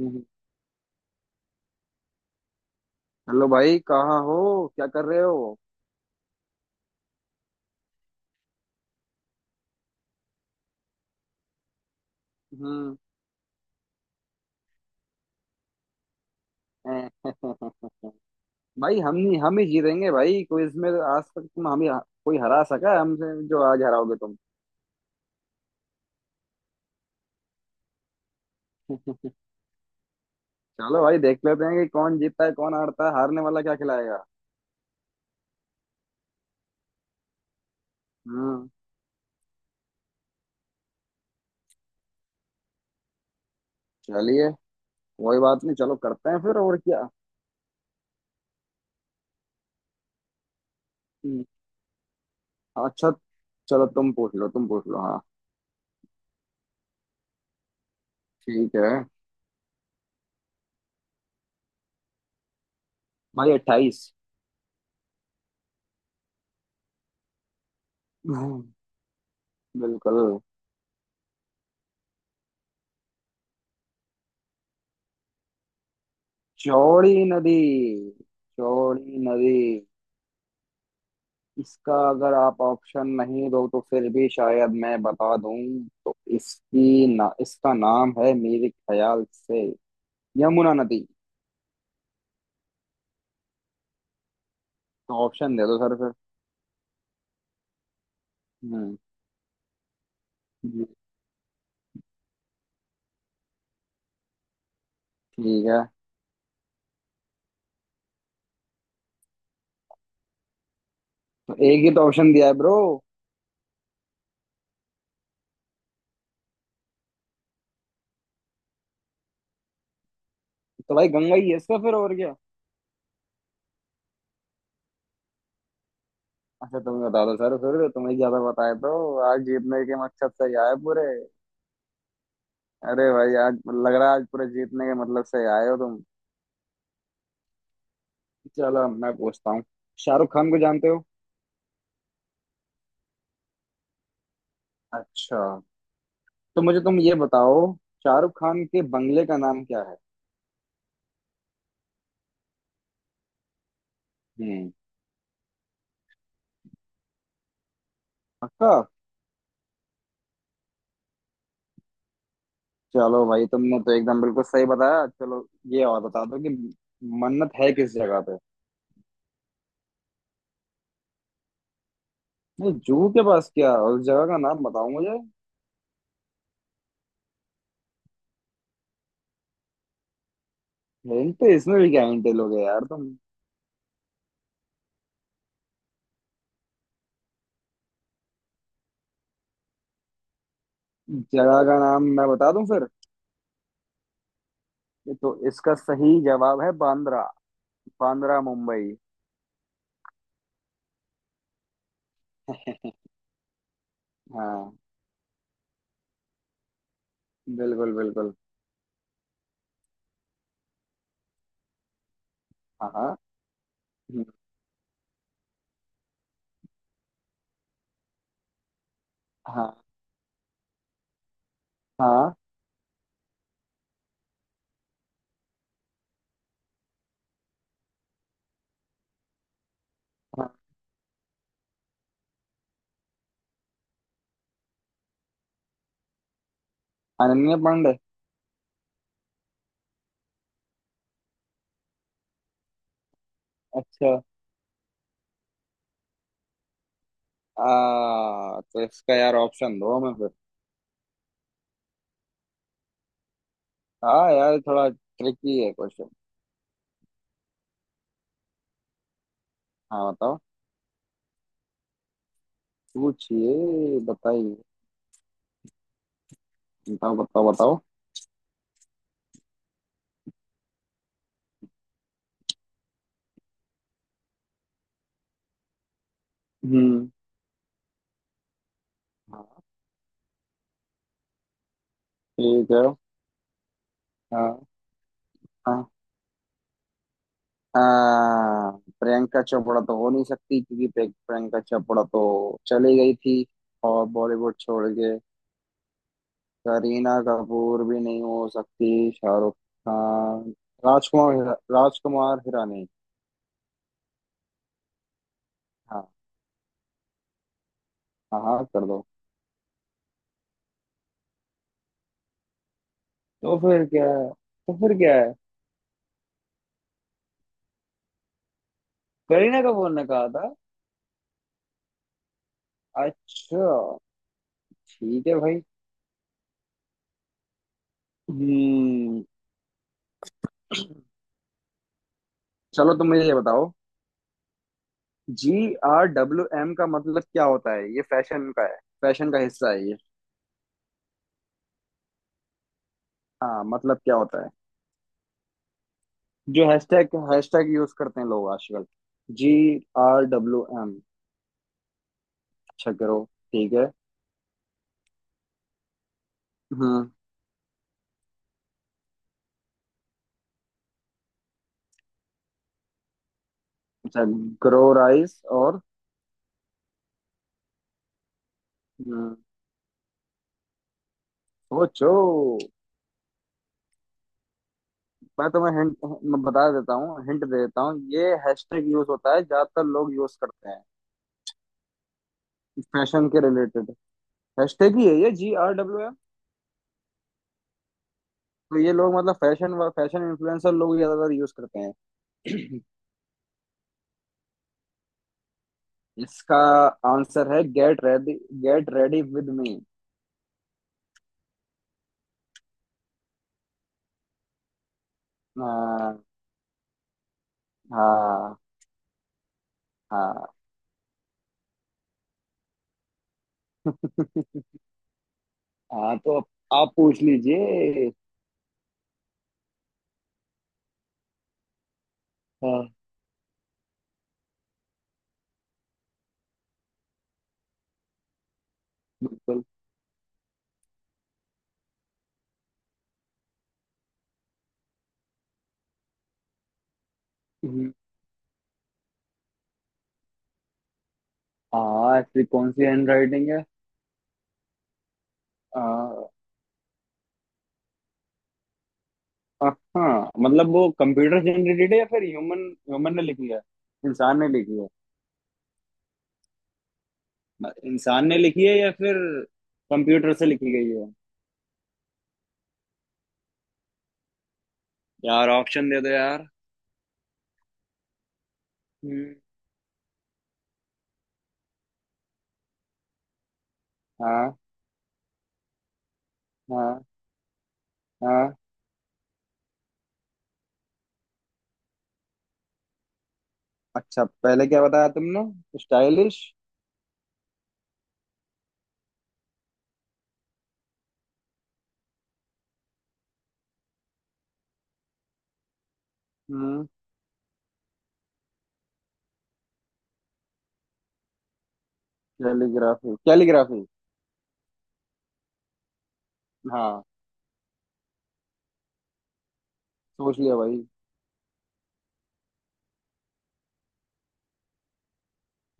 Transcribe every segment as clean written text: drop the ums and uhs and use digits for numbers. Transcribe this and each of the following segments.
हम्म। Hello भाई कहाँ हो? क्या कर रहे हो? हम्म। भाई हम नहीं, हम ही जीतेंगे। भाई क्विज में तो आज तक तुम, हम ही। कोई हरा सका है हमसे जो आज हराओगे तुम? चलो भाई देख लेते हैं कि कौन जीतता है कौन हारता है। हारने वाला क्या खिलाएगा? हम्म। चलिए, कोई बात नहीं। चलो करते हैं फिर, और क्या। हम्म, अच्छा। चलो तुम पूछ लो, तुम पूछ लो। हाँ, ठीक है। भाई अट्ठाईस। हम्म, बिल्कुल। चौड़ी नदी। चौड़ी नदी। इसका अगर आप ऑप्शन नहीं दो तो फिर भी शायद मैं बता दूं। तो इसकी ना, इसका नाम है मेरे ख्याल से यमुना नदी। तो ऑप्शन दे दो सर फिर। हम्म। जी, ठीक है। तो एक ही तो ऑप्शन दिया है ब्रो। तो भाई गंगा ही है इसका फिर, और क्या। अच्छा तुम ही बता दो सर फिर। तुम्हें ज्यादा बताए तो, आज जीतने के मकसद से ही आए पूरे। अरे भाई आज, लग रहा है आज पूरे जीतने के मतलब से ही आए हो तुम। चलो मैं पूछता हूँ। शाहरुख खान को जानते हो? अच्छा, तो मुझे तुम ये बताओ, शाहरुख खान के बंगले का नाम क्या है? हम्म। पक्का? चलो भाई तुमने तो एकदम बिल्कुल सही बताया। चलो ये और बता दो कि मन्नत है किस जगह पे? नहीं, जूहू के पास क्या? उस जगह का नाम बताओ मुझे। हिंट तो इसमें भी क्या हिंट लोगे यार तुम। जगह का नाम मैं बता दूं फिर? ये तो इसका सही जवाब है बांद्रा। बांद्रा मुंबई। हाँ, बिल्कुल बिल्कुल। हाँ हाँ। हम्म, हाँ। हाँ। हाँ, अनन्या पांडे। अच्छा। तो इसका यार ऑप्शन दो हमें फिर। हाँ यार थोड़ा ट्रिकी है क्वेश्चन। हाँ बताओ। पूछिए, बताइए। बताओ बताओ बताओ। हम्म। हाँ, ठीक है। हाँ। हाँ। हाँ, प्रियंका चोपड़ा तो हो नहीं सकती क्योंकि प्रियंका चोपड़ा तो चली गई थी और, बॉलीवुड छोड़ के। करीना कपूर भी नहीं हो सकती। शाहरुख खान, राजकुमार हिरानी। हाँ। हाँ हाँ कर दो। तो फिर क्या है, तो फिर क्या है? करीना कपूर ने कहा था? अच्छा, ठीक है भाई। हम्म। चलो तुम मुझे ये बताओ, जी आर डब्ल्यू एम का मतलब क्या होता है? ये फैशन का है, फैशन का हिस्सा है ये। हाँ, मतलब क्या होता है? जो हैशटैग हैशटैग यूज करते हैं लोग आजकल। G R W M. अच्छा, ग्रो। ठीक है। हम्म। अच्छा, ग्रो राइस और? हम्म, सोचो। मैं तुम्हें हिंट मैं बता देता हूँ, हिंट दे देता हूँ। ये हैशटैग यूज होता है, ज्यादातर लोग यूज करते हैं। फैशन के रिलेटेड हैशटैग ही है ये, जी आर डब्ल्यू एम। तो ये लोग मतलब फैशन इन्फ्लुएंसर लोग ज्यादातर यूज करते हैं। इसका आंसर है get ready, get ready with me. हाँ। हाँ। हाँ। हाँ, तो आप पूछ लीजिए। हाँ, बिल्कुल। हम्म, हाँ। ऐसी कौन सी हैंड राइटिंग है? हाँ। हाँ मतलब वो कंप्यूटर जनरेटेड है या फिर ह्यूमन, ह्यूमन ने लिखी है, इंसान ने लिखी है? इंसान ने लिखी है या फिर कंप्यूटर से लिखी गई है? यार ऑप्शन दे दो यार। हम्म। हाँ। हाँ। हाँ। अच्छा पहले क्या बताया तुमने, स्टाइलिश? हम्म। Calligraphy, calligraphy. हाँ, सोच लिया भाई।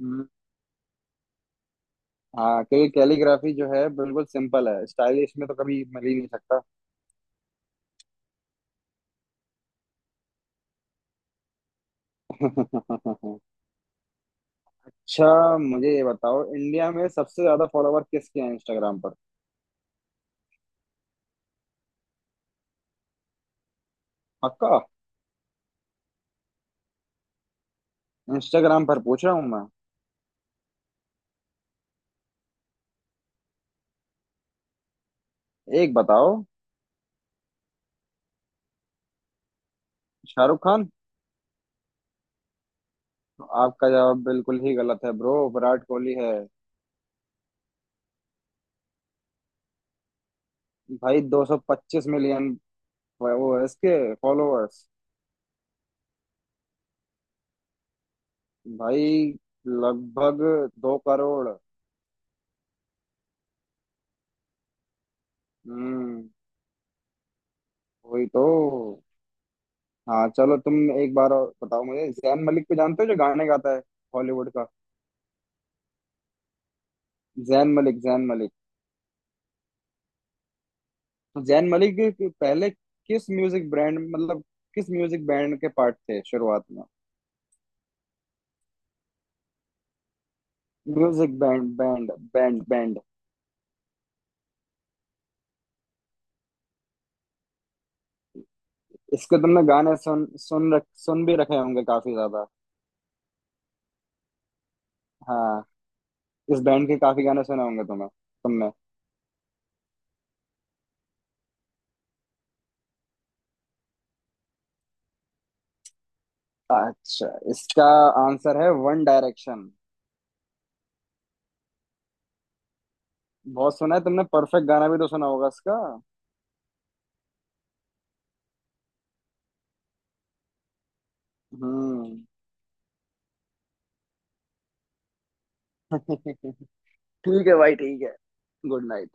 हम्म। हाँ, क्योंकि कैलीग्राफी जो है बिल्कुल सिंपल है, स्टाइलिश में तो कभी मिल ही नहीं सकता। अच्छा मुझे ये बताओ, इंडिया में सबसे ज्यादा फॉलोवर किसके हैं इंस्टाग्राम पर? पक्का? इंस्टाग्राम पर पूछ रहा हूँ मैं। एक बताओ। शाहरुख खान? आपका जवाब बिल्कुल ही गलत है ब्रो। विराट कोहली है। भाई 225 मिलियन वो है इसके फॉलोअर्स। भाई लगभग दो करोड़। हम्म। वही तो। हाँ चलो तुम। एक बार और बताओ मुझे, जैन मलिक को जानते हो जो गाने गाता है हॉलीवुड का? जैन मलिक, जैन मलिक। तो जैन मलिक के पहले किस म्यूजिक ब्रांड मतलब किस म्यूजिक बैंड के पार्ट थे शुरुआत में? Music band band band band. इसके तुमने गाने सुन सुन रख सुन भी रखे होंगे काफी ज्यादा। हाँ, इस बैंड के काफी गाने सुने होंगे तुम्हें, तुमने। अच्छा, इसका आंसर है वन डायरेक्शन। बहुत सुना है तुमने? परफेक्ट गाना भी तो सुना होगा इसका। हम्म। ठीक है भाई, ठीक है। Good night.